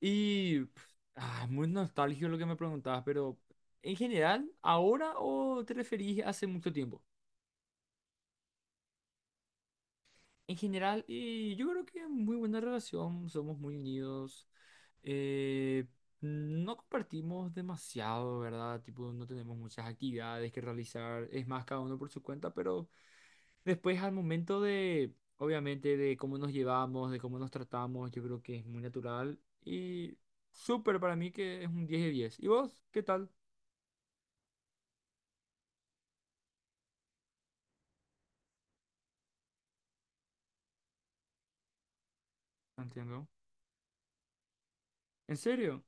Y muy nostálgico lo que me preguntabas, pero en general, ¿ahora o te referís hace mucho tiempo? En general, y yo creo que muy buena relación, somos muy unidos, eh, no compartimos demasiado, ¿verdad? Tipo, no tenemos muchas actividades que realizar, es más cada uno por su cuenta, pero después al momento de, obviamente, de cómo nos llevamos, de cómo nos tratamos, yo creo que es muy natural y súper para mí que es un 10 de 10. ¿Y vos? ¿Qué tal? Entiendo. ¿En serio?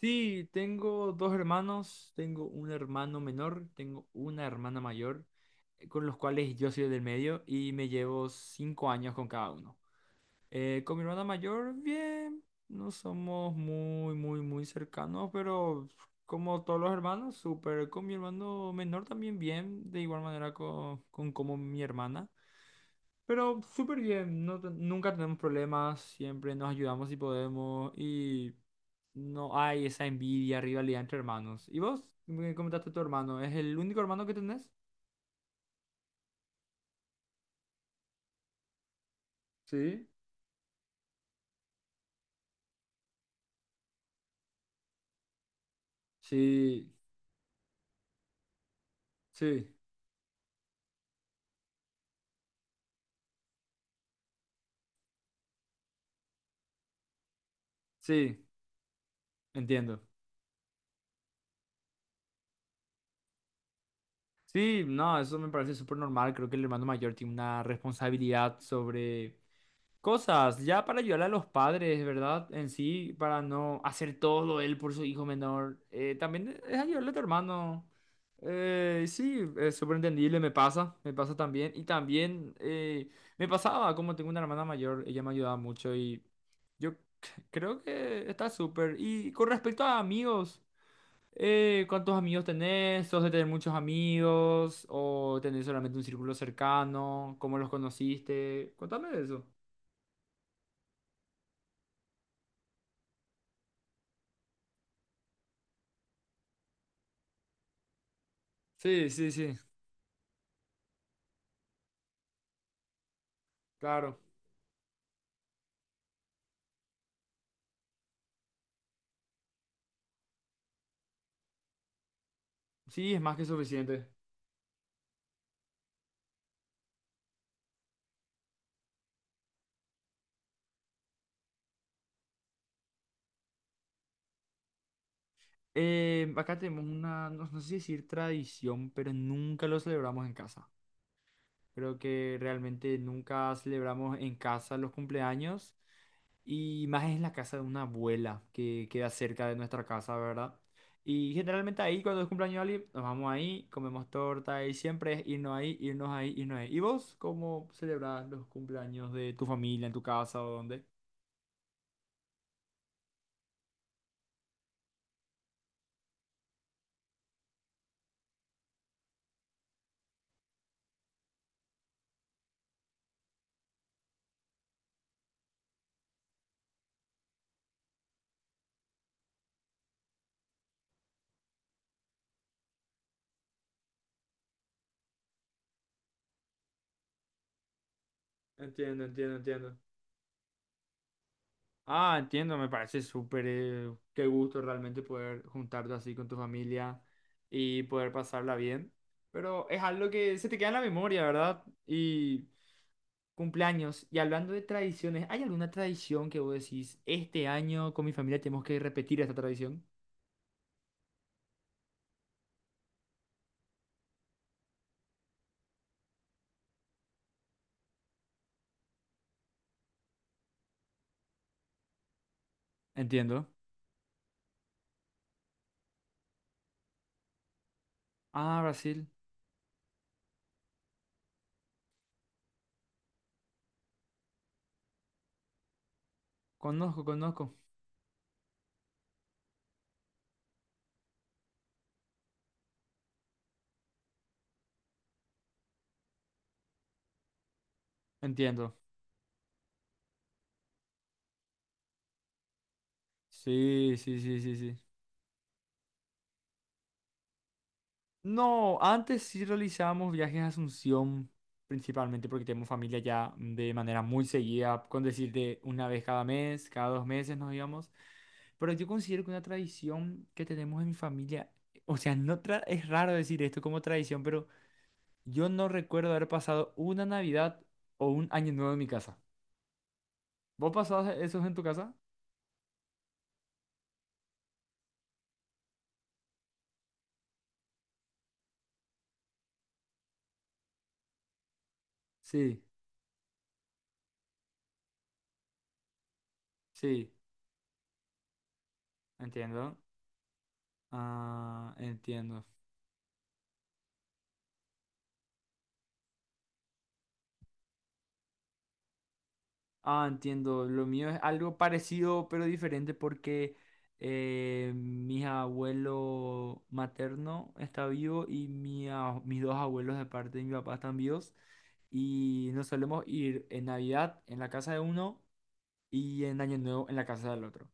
Sí, tengo dos hermanos, tengo un hermano menor, tengo una hermana mayor, con los cuales yo soy del medio y me llevo 5 años con cada uno. Con mi hermana mayor, bien, no somos muy, muy, muy cercanos, pero como todos los hermanos, súper. Con mi hermano menor también bien, de igual manera con, como mi hermana. Pero súper bien, no, nunca tenemos problemas, siempre nos ayudamos si podemos y no hay esa envidia, rivalidad entre hermanos. ¿Y vos? Me comentaste tu hermano, ¿es el único hermano que tenés? Sí, Sí, sí, sí, entiendo. Sí, no, eso me parece súper normal. Creo que el hermano mayor tiene una responsabilidad sobre cosas, ya para ayudar a los padres, ¿verdad? En sí, para no hacer todo él por su hijo menor. También es ayudarle a tu hermano. Sí, es súper entendible, me pasa también. Y también me pasaba, como tengo una hermana mayor, ella me ayudaba mucho y yo creo que está súper. Y con respecto a amigos, ¿cuántos amigos tenés? ¿Sos de tener muchos amigos? ¿O tenés solamente un círculo cercano? ¿Cómo los conociste? Contame de eso. Sí, sí, sí, claro. Sí, es más que suficiente. Acá tenemos una, no, no sé si decir tradición, pero nunca lo celebramos en casa. Creo que realmente nunca celebramos en casa los cumpleaños y más en la casa de una abuela que queda cerca de nuestra casa, ¿verdad? Y generalmente ahí, cuando es cumpleaños de alguien, nos vamos ahí, comemos torta y siempre es irnos ahí, irnos ahí, irnos ahí. ¿Y vos cómo celebrás los cumpleaños de tu familia, en tu casa o dónde? Entiendo, entiendo, entiendo. Ah, entiendo, me parece súper, qué gusto realmente poder juntarte así con tu familia y poder pasarla bien. Pero es algo que se te queda en la memoria, ¿verdad? Y cumpleaños. Y hablando de tradiciones, ¿hay alguna tradición que vos decís, este año con mi familia tenemos que repetir esta tradición? Entiendo. Ah, Brasil. Conozco, conozco. Entiendo. Sí, sí, sí, sí, sí. No, antes sí realizábamos viajes a Asunción, principalmente porque tenemos familia ya de manera muy seguida, con decirte una vez cada mes, cada 2 meses nos íbamos. Pero yo considero que una tradición que tenemos en mi familia, o sea, no es raro decir esto como tradición, pero yo no recuerdo haber pasado una Navidad o un Año Nuevo en mi casa. ¿Vos pasabas esos en tu casa? Sí, sí, entiendo. Ah, entiendo. Ah, entiendo. Lo mío es algo parecido pero diferente porque mi abuelo materno está vivo y mi mis dos abuelos de parte de mi papá están vivos. Y nos solemos ir en Navidad en la casa de uno y en Año Nuevo en la casa del otro.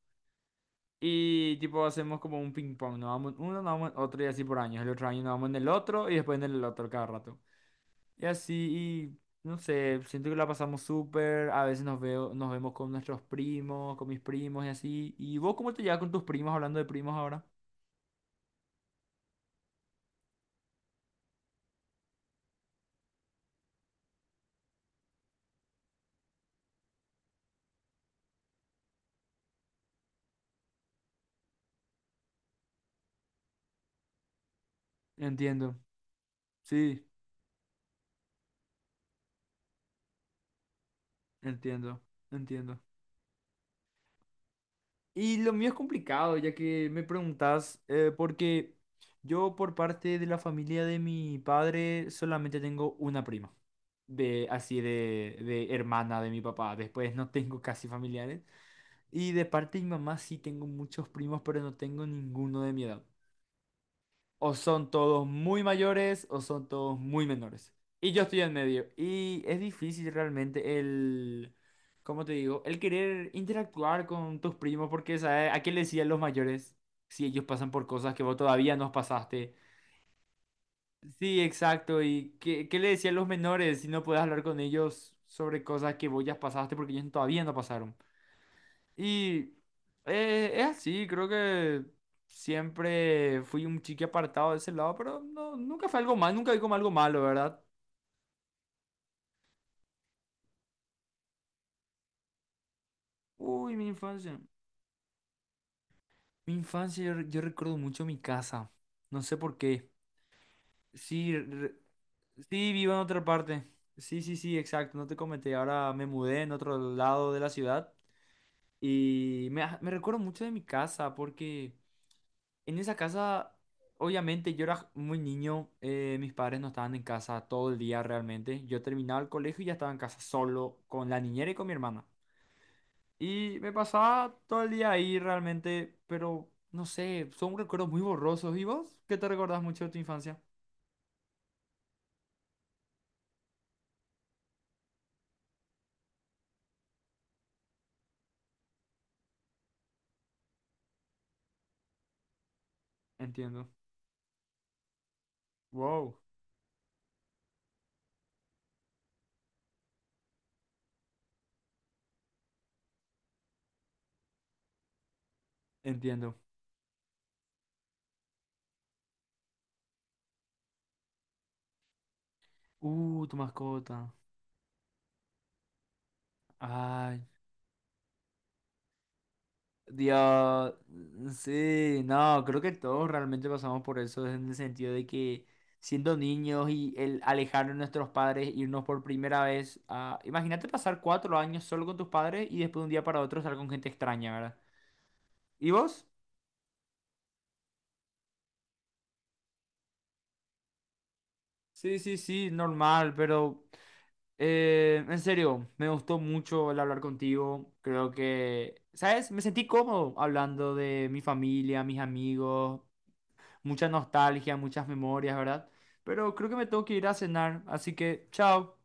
Y tipo hacemos como un ping pong, nos vamos en uno, nos vamos en otro y así por años. El otro año nos vamos en el otro y después en el otro cada rato. Y así, y no sé, siento que la pasamos súper, a veces nos veo, nos vemos con nuestros primos, con mis primos y así. ¿Y vos cómo te llevas con tus primos hablando de primos ahora? Entiendo, sí, entiendo, entiendo. Y lo mío es complicado, ya que me preguntas porque yo por parte de la familia de mi padre solamente tengo una prima, de así de hermana de mi papá, después no tengo casi familiares. Y de parte de mi mamá sí tengo muchos primos, pero no tengo ninguno de mi edad. O son todos muy mayores o son todos muy menores. Y yo estoy en medio. Y es difícil realmente el, ¿cómo te digo? El querer interactuar con tus primos porque, ¿sabes? ¿A qué le decían los mayores si ellos pasan por cosas que vos todavía no pasaste? Sí, exacto. ¿Y qué, qué le decían los menores si no puedes hablar con ellos sobre cosas que vos ya pasaste porque ellos todavía no pasaron? Y es así, creo que siempre fui un chique apartado de ese lado, pero no, nunca fue algo mal, nunca vi como algo malo, ¿verdad? Uy, mi infancia. Mi infancia, yo, yo recuerdo mucho mi casa. No sé por qué. Sí, sí, vivo en otra parte. Sí, sí, sí, exacto, no te comenté. Ahora me mudé en otro lado de la ciudad y me recuerdo mucho de mi casa porque... En esa casa, obviamente yo era muy niño, mis padres no estaban en casa todo el día realmente. Yo terminaba el colegio y ya estaba en casa solo con la niñera y con mi hermana. Y me pasaba todo el día ahí realmente, pero no sé, son recuerdos muy borrosos. ¿Y vos? ¿Qué te recordás mucho de tu infancia? Entiendo. Wow, entiendo. Tu mascota. Ay, Dios, sí, no, creo que todos realmente pasamos por eso en el sentido de que siendo niños y el alejarnos de nuestros padres, irnos por primera vez a... Imagínate pasar 4 años solo con tus padres y después de un día para otro estar con gente extraña, ¿verdad? ¿Y vos? Sí, sí, sí, normal, pero en serio, me gustó mucho el hablar contigo. Creo que, ¿sabes? Me sentí cómodo hablando de mi familia, mis amigos. Mucha nostalgia, muchas memorias, ¿verdad? Pero creo que me tengo que ir a cenar, así que chao.